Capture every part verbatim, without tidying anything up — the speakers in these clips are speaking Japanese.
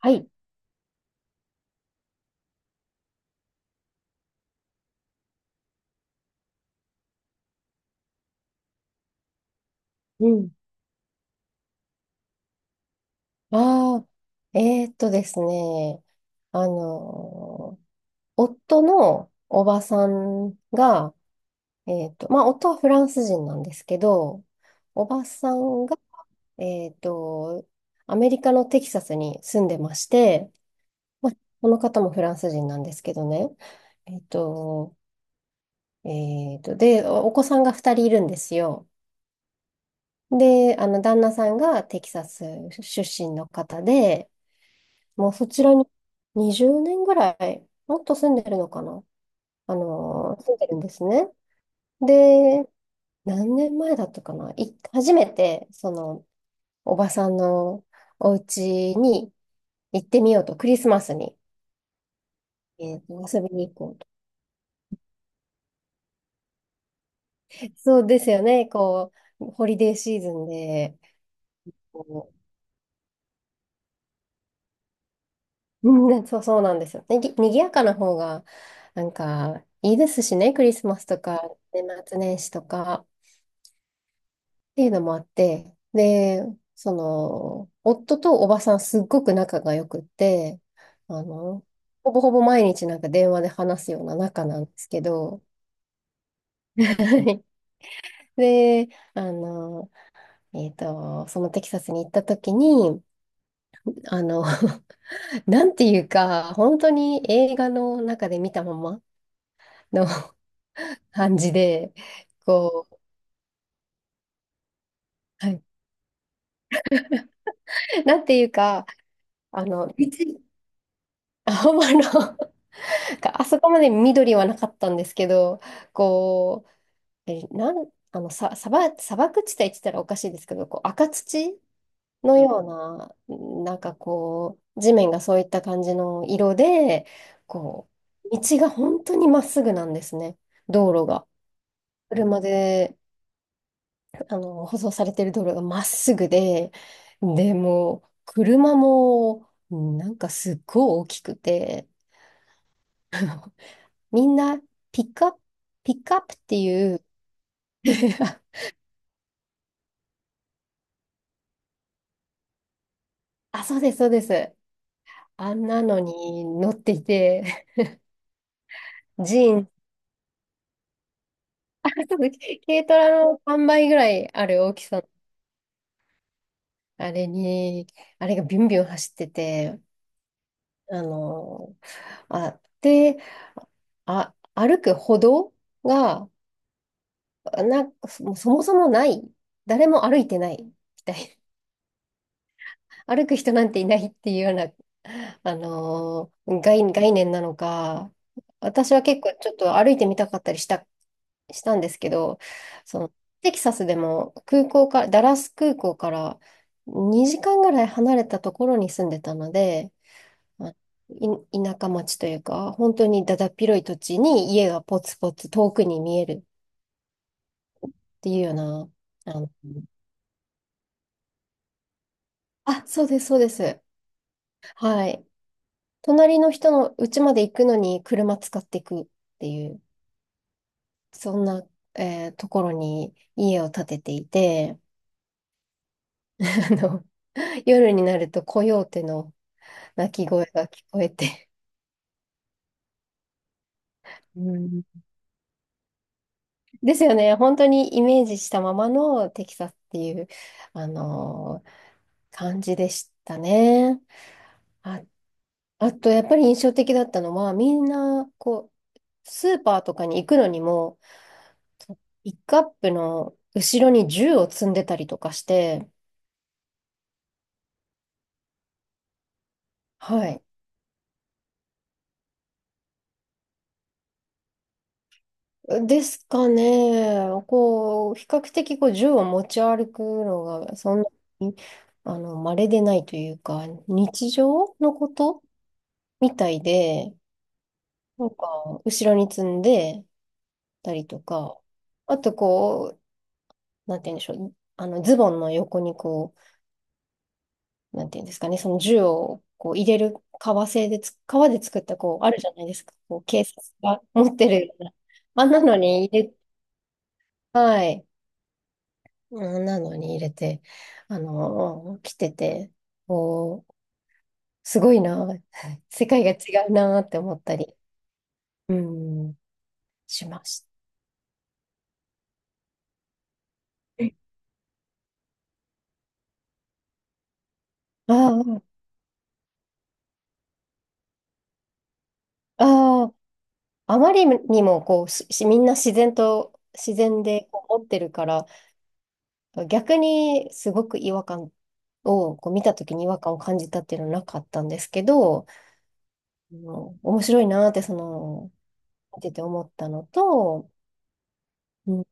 はい。うん。ああ、えーっとですね。あのー、夫のおばさんが、えーっと、まあ、夫はフランス人なんですけど、おばさんが、えーっと、アメリカのテキサスに住んでまして、まあ、この方もフランス人なんですけどね。えーっと、えーっと、で、おお子さんがふたりいるんですよ。で、あの、旦那さんがテキサス出身の方で、もうそちらににじゅうねんぐらい、もっと住んでるのかなあのー、住んでるんですね。で、何年前だったかない初めて、その、おばさんのお家に行ってみようと、クリスマスに、えーと遊びに行こうと。そうですよね。こう、ホリデーシーズンで、こう、うん、そう、そうなんですよ。にぎ、にぎやかな方が、なんか、いいですしね、クリスマスとか、年末年始とか。ていうのもあって、で、その、夫とおばさんすっごく仲が良くって、あの、ほぼほぼ毎日なんか電話で話すような仲なんですけど。はい。で、あの、えっと、そのテキサスに行った時に、あの、なんていうか、本当に映画の中で見たままの 感じで、こう、はい、なんていうか、あの、別にあ、ほんまのなんかあそこまで緑はなかったんですけど、こう、え、なん、あの、さ、砂漠、砂漠地帯って言ったらおかしいですけど、こう赤土のような、うん、なんかこう、地面がそういった感じの色で、こう、道が本当にまっすぐなんですね、道路が。車で、あの、舗装されてる道路がまっすぐで、でもう、車も、なんかすっごい大きくて、みんな、ピックアップピックアップっていう。 あ、そうです、そうです。あんなのに乗っていて、ジーン、あ、そうです、軽トラのさんばいぐらいある大きさの、あれに、あれがビュンビュン走ってて、あの、あ、で、あ、歩く歩道が、な、そそもそもない、誰も歩いてないみたい、歩く人なんていないっていうような、あのー概、概念なのか、私は結構ちょっと歩いてみたかったりした、したんですけど、その、テキサスでも空港から、ダラス空港からにじかんぐらい離れたところに住んでたので、まあい、田舎町というか、本当にだだっ広い土地に家がポツポツ遠くに見えるっていうような、あの、あ、そうです、そうです。はい。隣の人の家まで行くのに車使っていくっていう、そんな、えーところに家を建てていて、あの、夜になるとコヨーテの鳴き声が聞こえて。うん。ですよね。本当にイメージしたままのテキサスっていう、あのー感じでしたね。あ、あと、やっぱり印象的だったのは、みんな、こう、スーパーとかに行くのにも、とピックアップの後ろに銃を積んでたりとかして。はい。ですかね。こう、比較的こう銃を持ち歩くのが、そんなに、あの、稀でないというか、日常のことみたいで、なんか、後ろに積んでたりとか、あとこう、なんて言うんでしょう。あの、ズボンの横にこなんていうんですかね、その銃をこう入れる革製でつ、革で作ったこう、あるじゃないですか。こう、警察が持ってるような。あんなのに入れ、はい。あんなのに入れて、あの、着てて、こう、すごいな、世界が違うなって思ったり、うん、しました。ああ、ああ、あまりにもこう、し、しみんな、自然と、自然でこう持ってるから、逆にすごく違和感をこう見た時に違和感を感じたっていうのはなかったんですけど、あの面白いなーってその見てて思ったのと、うん、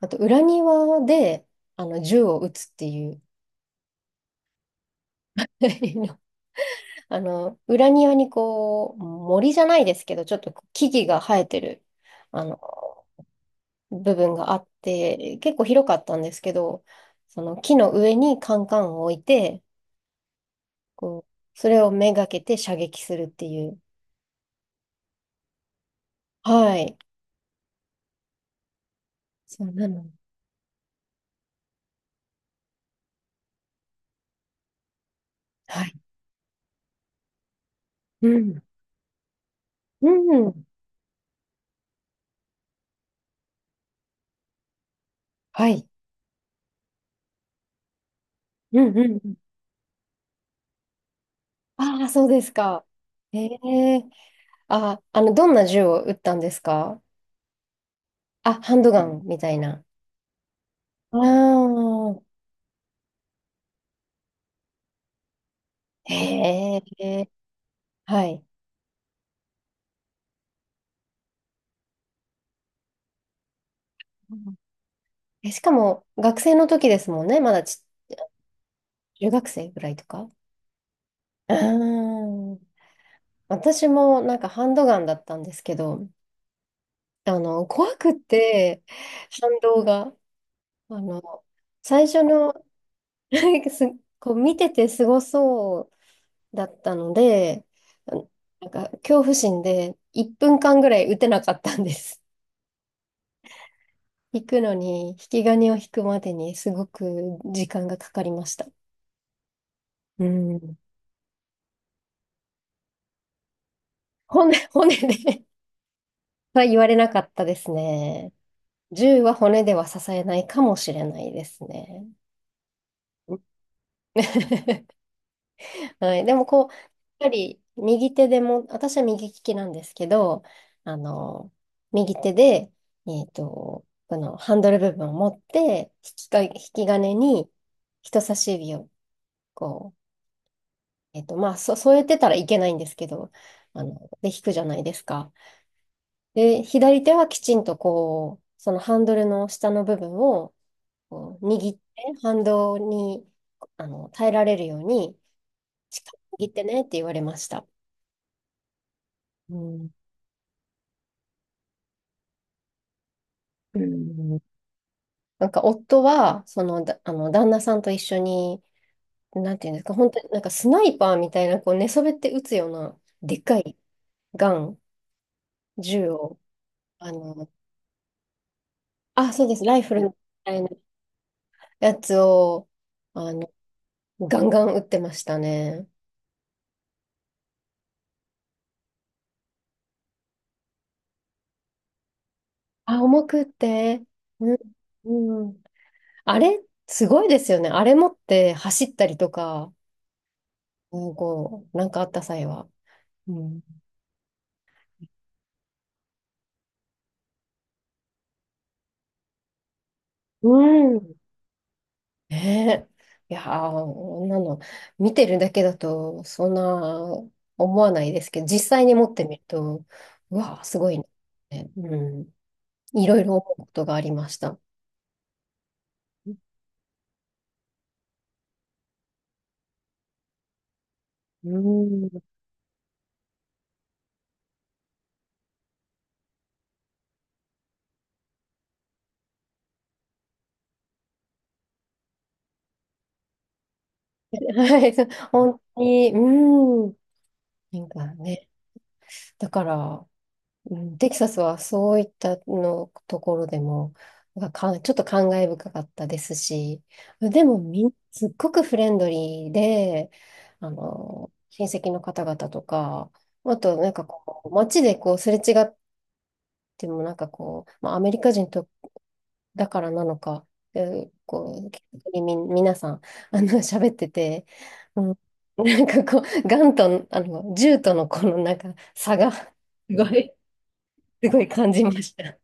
あと裏庭であの銃を撃つっていう。 あの裏庭にこう、森じゃないですけどちょっと木々が生えてるあの部分があって結構広かったんですけど、その木の上にカンカンを置いて、こうそれをめがけて射撃するっていう。はい。そうなの。はい。うん。うん。はい。うん、うん、うん。ああ、そうですか。へえ。あ、あの、どんな銃を撃ったんですか？あ、ハンドガンみたいな。ああ、へえ。はい。え、しかも、学生の時ですもんね。まだち中学生ぐらいとか。ああ、私もなんかハンドガンだったんですけど、あの、怖くって、反動が。あの、最初の、すこう見ててすごそうだったので、なんか恐怖心でいっぷんかんぐらい打てなかったんです。引くのに、引き金を引くまでにすごく時間がかかりました。うん。骨、骨で は言われなかったですね。銃は骨では支えないかもしれないですね。はい。でもこう、やっぱり右手でも、私は右利きなんですけど、あの、右手で、えっと、このハンドル部分を持って、引きか、引き金に人差し指をこう、えっと、まあ、そ、添えてたらいけないんですけど、あの、で、引くじゃないですか。で、左手はきちんとこう、そのハンドルの下の部分をこう握って、反動に、あの、耐えられるように、しっかり握ってねって言われました。うん。うん、なんか夫は、その、だ、あの、旦那さんと一緒に、なんていうんですか、本当になんかスナイパーみたいな、こう寝そべって撃つような、でっかいガン、銃を、あの、あ、そうです、ライフルみたいなやつを、あの、ガンガン撃ってましたね。あ、重くって、うん、うん。あれ、すごいですよね。あれ持って走ったりとか、うん、こう、なんかあった際は。うん。うん。ねえ。いやー、こんなの、見てるだけだと、そんな思わないですけど、実際に持ってみると、うわー、すごいね。うん。いろいろ思うことがありました。うん。はい、そう、本当に、うん。なんかね、だから、うん、テキサスはそういったのところでも、なんかか、ちょっと感慨深かったですし、でもみん、すっごくフレンドリーで、あの、親戚の方々とか、あとなんかこう、街でこう、すれ違ってもなんかこう、まあ、アメリカ人とだからなのか、えこう、気さみ、皆さん、あの、喋ってて、うん、なんかこう、ガンと、あの、銃とのこのなんか差が、すごい、すごい感じました。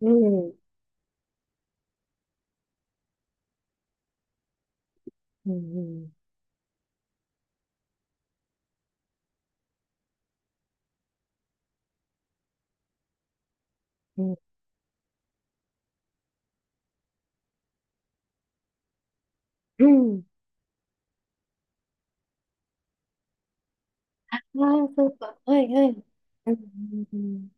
うん、うん、うん、うん。うん、ああ、そうか。はい、はい。うん、うん、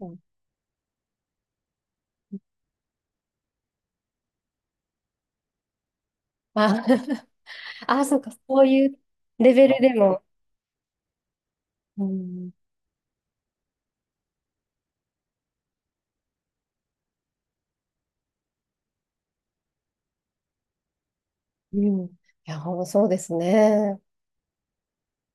うん。あ あ、そうか。そういうレベルでも。うん、うん。いや、ほんそうですね。